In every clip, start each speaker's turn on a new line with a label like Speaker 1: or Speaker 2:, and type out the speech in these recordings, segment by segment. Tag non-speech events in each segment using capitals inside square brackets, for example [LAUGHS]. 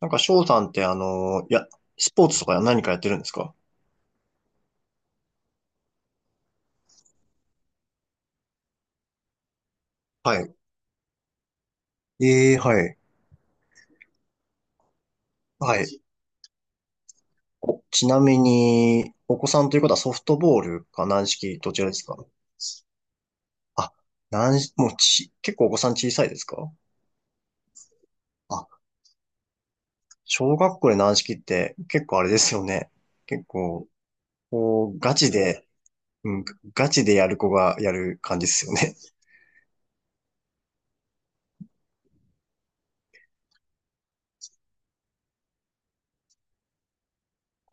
Speaker 1: なんか、翔さんって、スポーツとか何かやってるんですか？はい。ええ、はい。はい。おちなみに、お子さんということはソフトボールか軟式、どちらですか？あ、軟式、もうち、結構お子さん小さいですか？あ、小学校で軟式って結構あれですよね。結構、こう、ガチで、うん、ガチでやる子がやる感じですよね。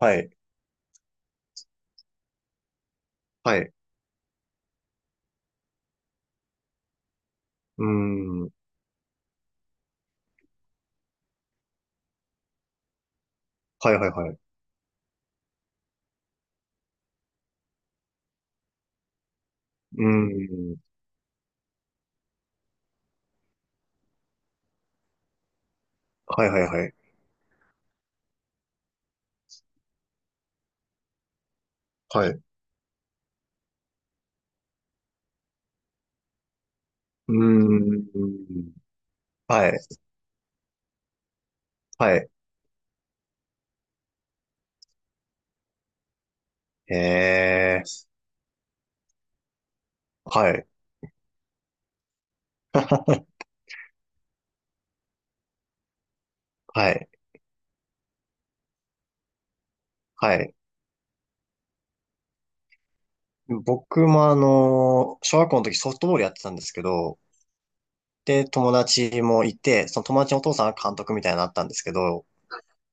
Speaker 1: [LAUGHS] はい。はい。うーん。はいはいはい。うーん。はいはいはい。はい。うーん。はい。はい。ええ。はい。[LAUGHS] はい。はい。僕もあの、小学校の時ソフトボールやってたんですけど、で、友達もいて、その友達のお父さんが監督みたいになったんですけど、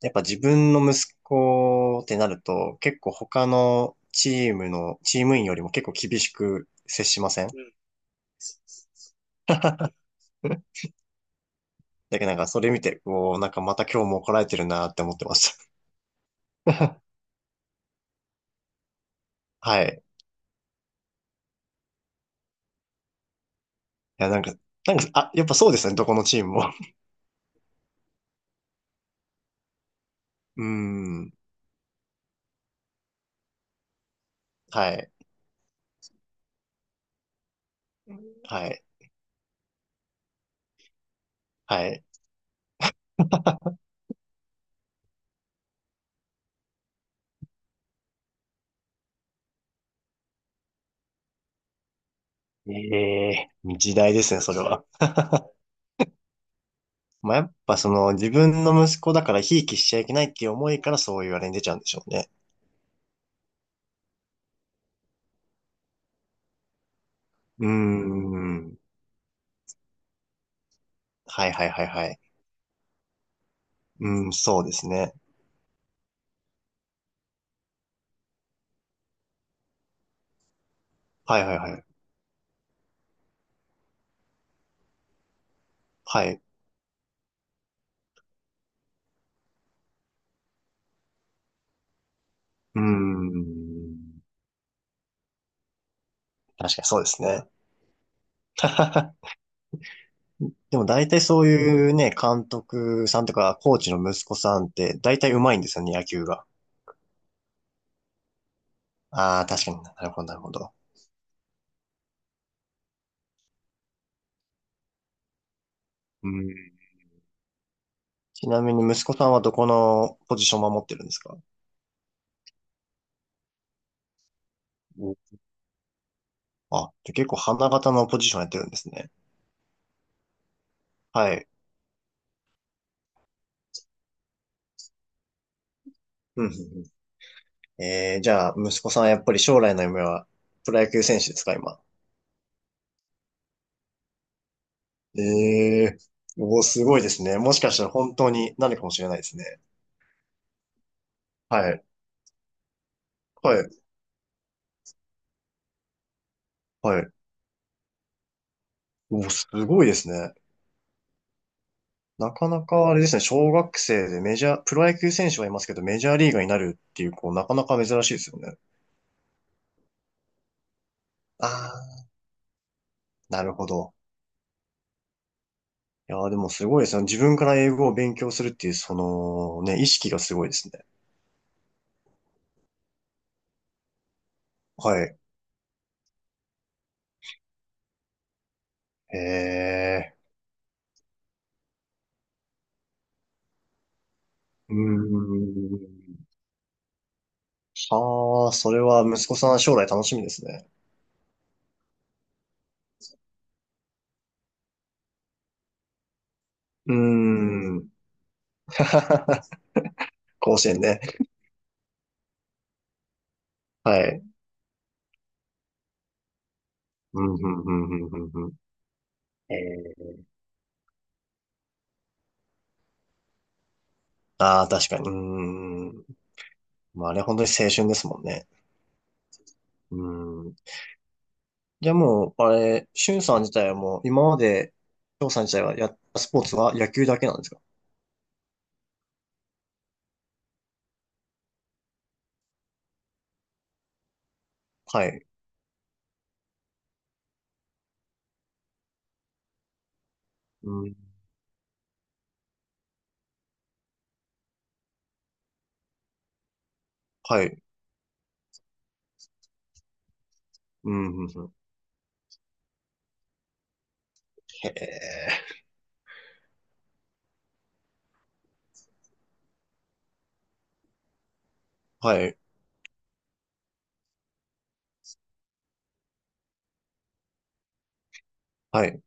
Speaker 1: やっぱ自分の息子ってなると、結構他のチームの、チーム員よりも結構厳しく接しません？うん。 [LAUGHS] だけどなんかそれ見て、こう、なんかまた今日も怒られてるなって思ってました。[LAUGHS] はい。いや、なんか、やっぱそうですね、どこのチームも。[LAUGHS] うーん。はい、はい、はい。ええ、時代ですね、それは。まあ、やっぱその自分の息子だからひいきしちゃいけないっていう思いからそういうあれに出ちゃうんでしょうね。うーん。はいはいはいはい。うん、そうですね。はいはいはい。はい。うーん。確かにそうですね。[LAUGHS] でも大体そういうね、監督さんとかコーチの息子さんって大体上手いんですよね、野球が。ああ、確かになるほど、なるほど。うん。ちなみに息子さんはどこのポジションを守ってるんですか？うん。あ、じゃあ結構花形のポジションやってるんですね。はい。うんうんうん、えー、じゃあ、息子さんはやっぱり将来の夢はプロ野球選手ですか、今。ええー、おー、すごいですね。もしかしたら本当になるかもしれないですね。はい。はい。はい。おー、すごいですね。なかなかあれですね、小学生でメジャー、プロ野球選手はいますけど、メジャーリーガーになるっていう、こう、なかなか珍しいですよね。ああ、なるほど。いやー、でもすごいですね。自分から英語を勉強するっていう、その、ね、意識がすごいですね。はい。ええ、うーん。はあ、それは息子さん将来楽しみですね。うーん。[LAUGHS] 甲子園ね。はい。うん、うん、うん、うん、うん。うん。ええ、ああ、確かに。うーん。まあ、あれ本当に青春ですもんね。うーん。じゃあもう、あれ、しゅんさん自体はもう、今まで、しょうさん自体はやったスポーツは野球だけなんですか？はい。うん。はい。うん、うんうん。へえ。はい。はい。う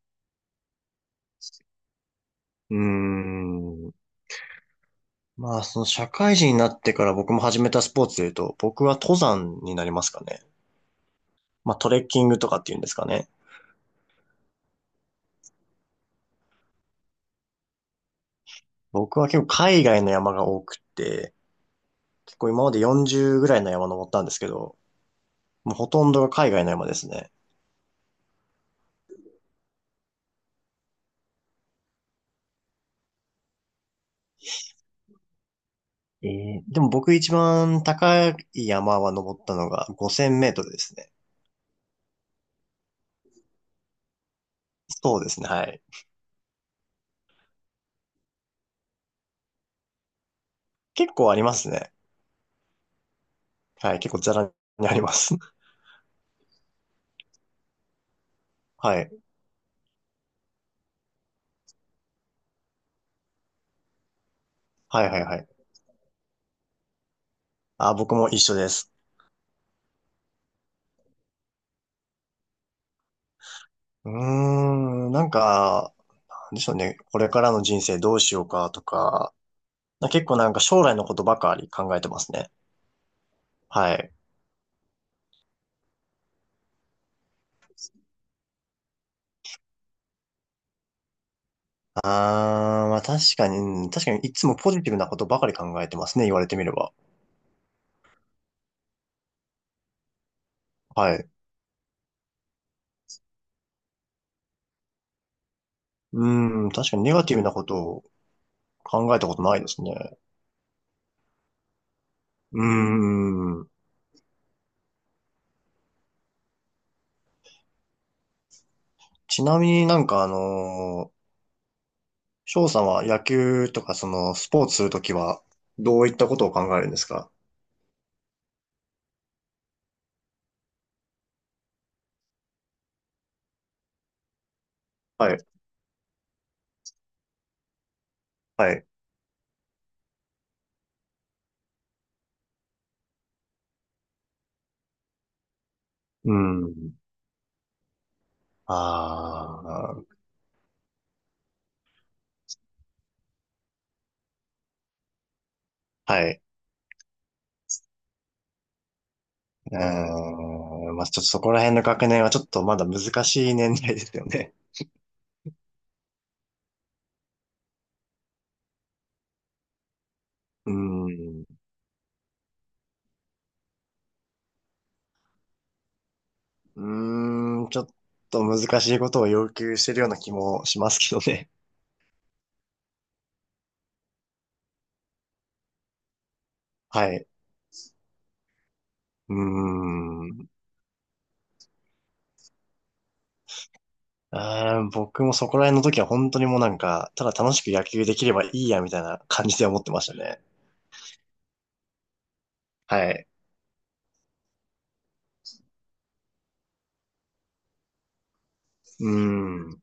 Speaker 1: ーん。まあ、その社会人になってから僕も始めたスポーツで言うと、僕は登山になりますかね。まあ、トレッキングとかっていうんですかね。僕は結構海外の山が多くって、結構今まで40ぐらいの山登ったんですけど、もうほとんどが海外の山ですね。ええ、でも僕一番高い山は登ったのが5000メートルですね。そうですね、はい。結構ありますね。はい、結構ザラにあります。[LAUGHS] はい。はいはいはい。あ、僕も一緒です。うーん、なんか、なんでしょうね。これからの人生どうしようかとか、結構なんか将来のことばかり考えてますね。はい。あー、まあ確かに、うん、確かにいつもポジティブなことばかり考えてますね。言われてみれば。はい。うーん、確かにネガティブなことを考えたことないですね。うーん。ちなみに、翔さんは野球とかそのスポーツするときはどういったことを考えるんですか？はい。はい。うん。ああ、はい。うーん。まあ、ちょっとそこら辺の学年はちょっとまだ難しい年代ですよね。うん。うーん、ちょっと難しいことを要求してるような気もしますけどね。はい。うーん。あー、僕もそこら辺の時は本当にもうなんか、ただ楽しく野球できればいいやみたいな感じで思ってましたね。はい。うーん。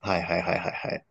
Speaker 1: はいはいはいはいはい。